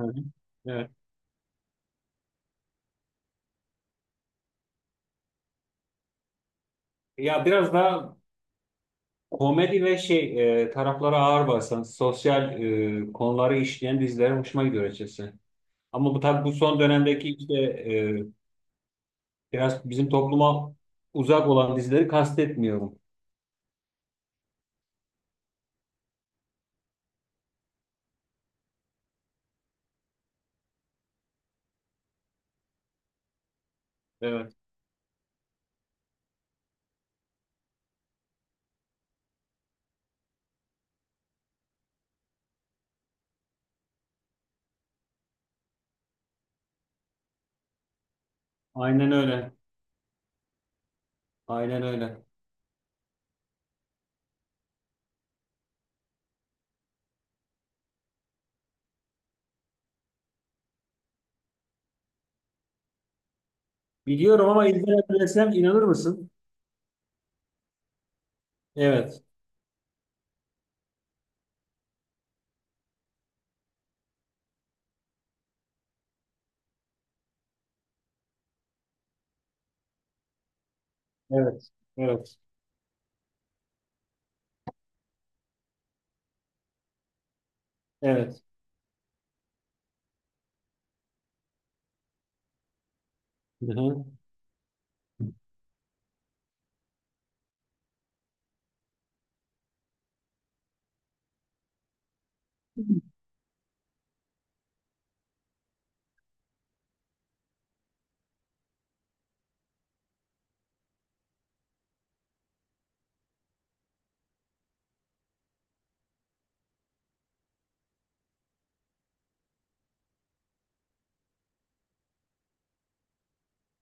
Hı hı. Evet. Ya biraz daha komedi ve taraflara ağır basan, sosyal konuları işleyen diziler hoşuma gidiyor açıkçası. Ama bu tabii bu son dönemdeki işte biraz bizim topluma uzak olan dizileri kastetmiyorum. Evet. Aynen öyle. Aynen öyle. Biliyorum ama izlemesem inanır mısın? Evet. Evet. Evet. Evet. Hı hı.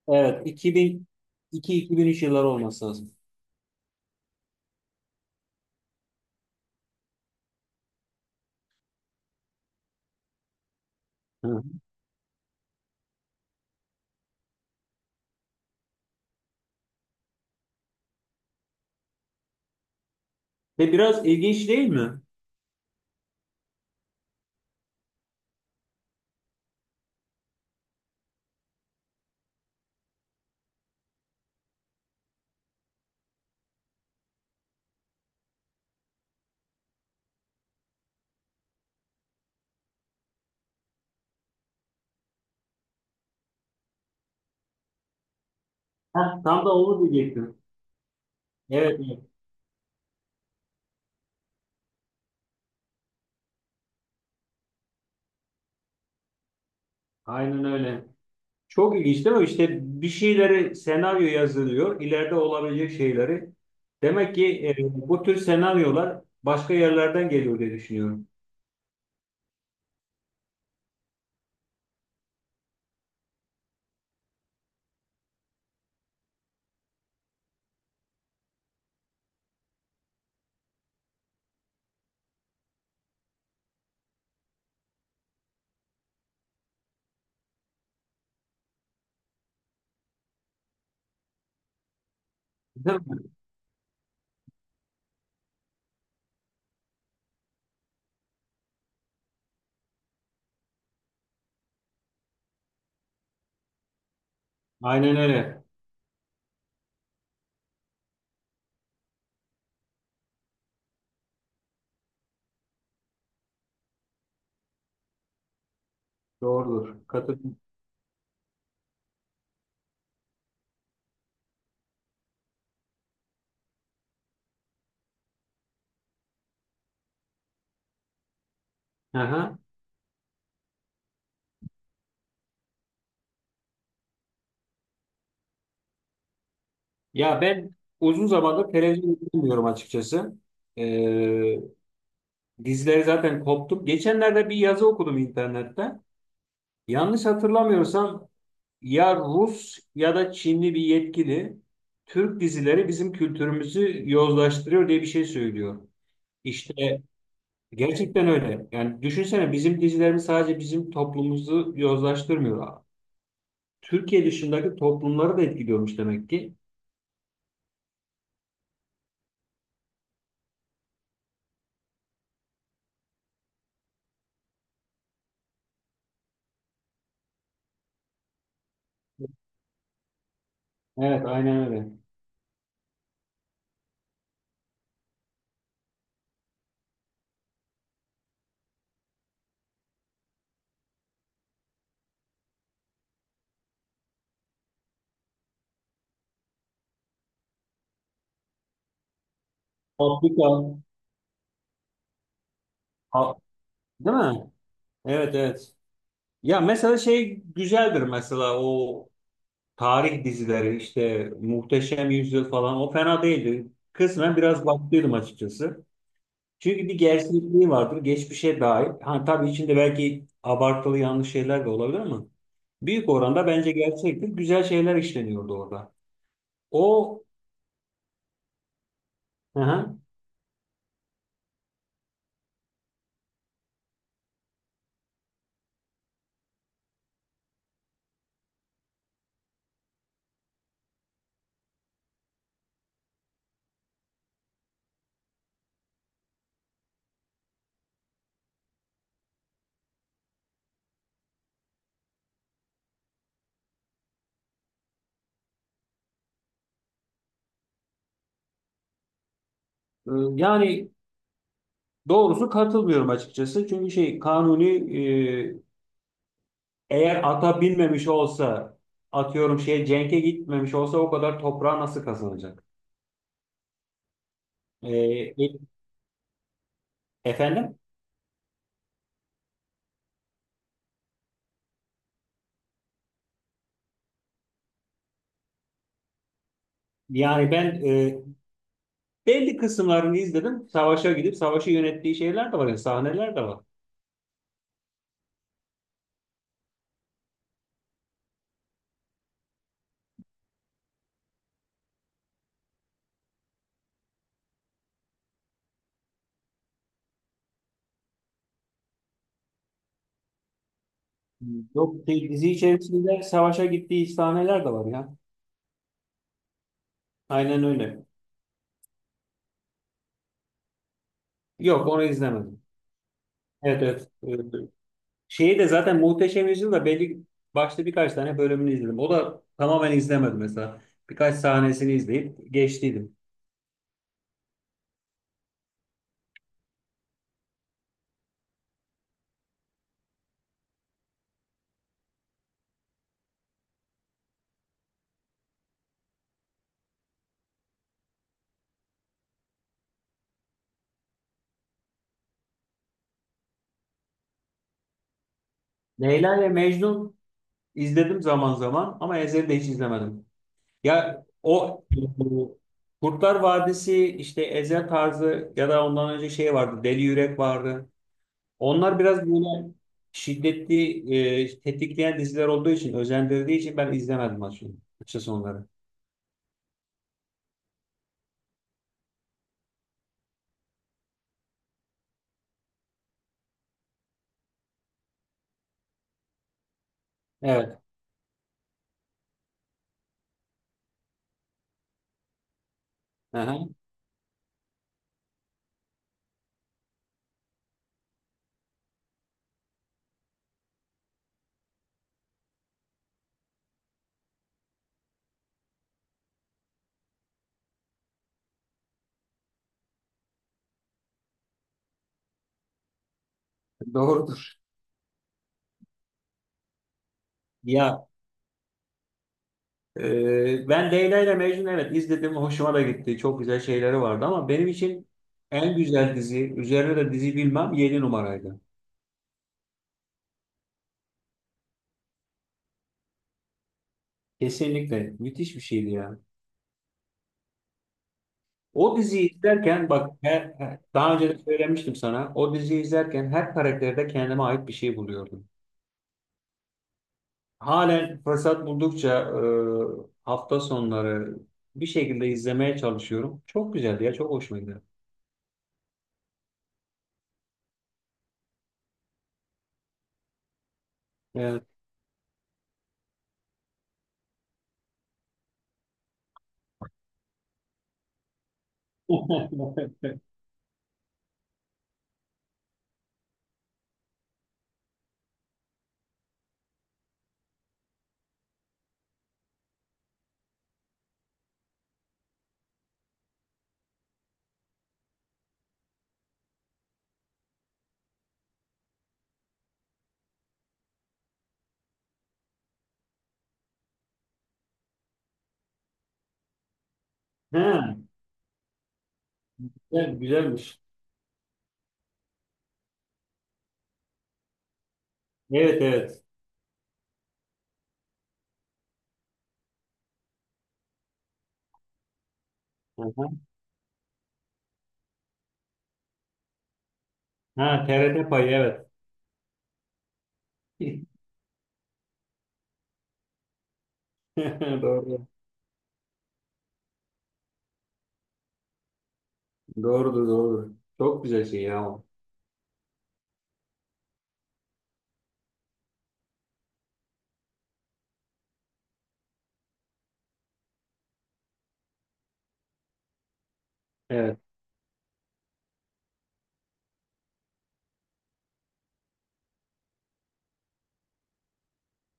Evet. 2002-2003 yılları olması lazım. Hı hı. Ve biraz ilginç değil mi? Heh, tam da onu diyecektim. Evet, evet. Aynen öyle. Çok ilginç değil mi? İşte bir şeyleri senaryo yazılıyor. İleride olabilecek şeyleri. Demek ki bu tür senaryolar başka yerlerden geliyor diye düşünüyorum. Değil mi? Aynen öyle. Doğrudur. Katıldım. Aha. Ya ben uzun zamandır televizyon izlemiyorum açıkçası. Ee, Dizileri zaten koptum. Geçenlerde bir yazı okudum internette. Yanlış hatırlamıyorsam ya Rus ya da Çinli bir yetkili Türk dizileri bizim kültürümüzü yozlaştırıyor diye bir şey söylüyor. İşte gerçekten öyle. Yani düşünsene bizim dizilerimiz sadece bizim toplumumuzu yozlaştırmıyor. Türkiye dışındaki toplumları da etkiliyormuş demek ki. Evet, aynen öyle. Afrika, A- değil mi? Evet, evet. Ya mesela şey güzeldir mesela o tarih dizileri işte Muhteşem Yüzyıl falan o fena değildi. Kısmen biraz baktıydım açıkçası. Çünkü bir gerçekliği vardır. Geçmişe dair. Hani tabii içinde belki abartılı yanlış şeyler de olabilir ama büyük oranda bence gerçektir. Güzel şeyler işleniyordu orada. O hı hı. Ee, Yani doğrusu katılmıyorum açıkçası. Çünkü şey Kanuni eğer ata binmemiş olsa atıyorum şey Cenk'e gitmemiş olsa o kadar toprağı nasıl kazanacak? Ee, e- efendim? Yani ben belli kısımlarını izledim. Savaşa gidip savaşı yönettiği şeyler de var. Yani sahneler de var. Yok şey, dizi içerisinde savaşa gittiği sahneler de var ya. Aynen öyle. Yok onu izlemedim. Evet evet, evet, evet. Şeyi de zaten Muhteşem Yüzyıl'da belli başta birkaç tane bölümünü izledim. O da tamamen izlemedim mesela. Birkaç sahnesini izleyip geçtiydim. Leyla ile Mecnun izledim zaman zaman ama Ezel'i de hiç izlemedim. Ya o bu Kurtlar Vadisi işte Ezel tarzı ya da ondan önce şey vardı Deli Yürek vardı. Onlar biraz böyle şiddetli, tetikleyen diziler olduğu için, özendirdiği için ben izlemedim açıkçası onları. Evet. Aha. Doğrudur. Ya ben Leyla ile Mecnun evet izledim, hoşuma da gitti. Çok güzel şeyleri vardı ama benim için en güzel dizi, üzerine de dizi bilmem 7 numaraydı. Kesinlikle müthiş bir şeydi ya. O diziyi izlerken bak daha önce de söylemiştim sana. O diziyi izlerken her karakterde kendime ait bir şey buluyordum. Halen fırsat buldukça hafta sonları bir şekilde izlemeye çalışıyorum. Çok güzeldi ya, çok hoşuma gidiyor. Evet. Ha, evet, güzelmiş. Evet evet. Aha. Ha, TRT payı evet. Doğru. Doğrudur doğrudur. Çok güzel şey ya o. Evet.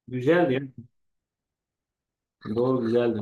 Güzeldi ya. Doğru güzeldi.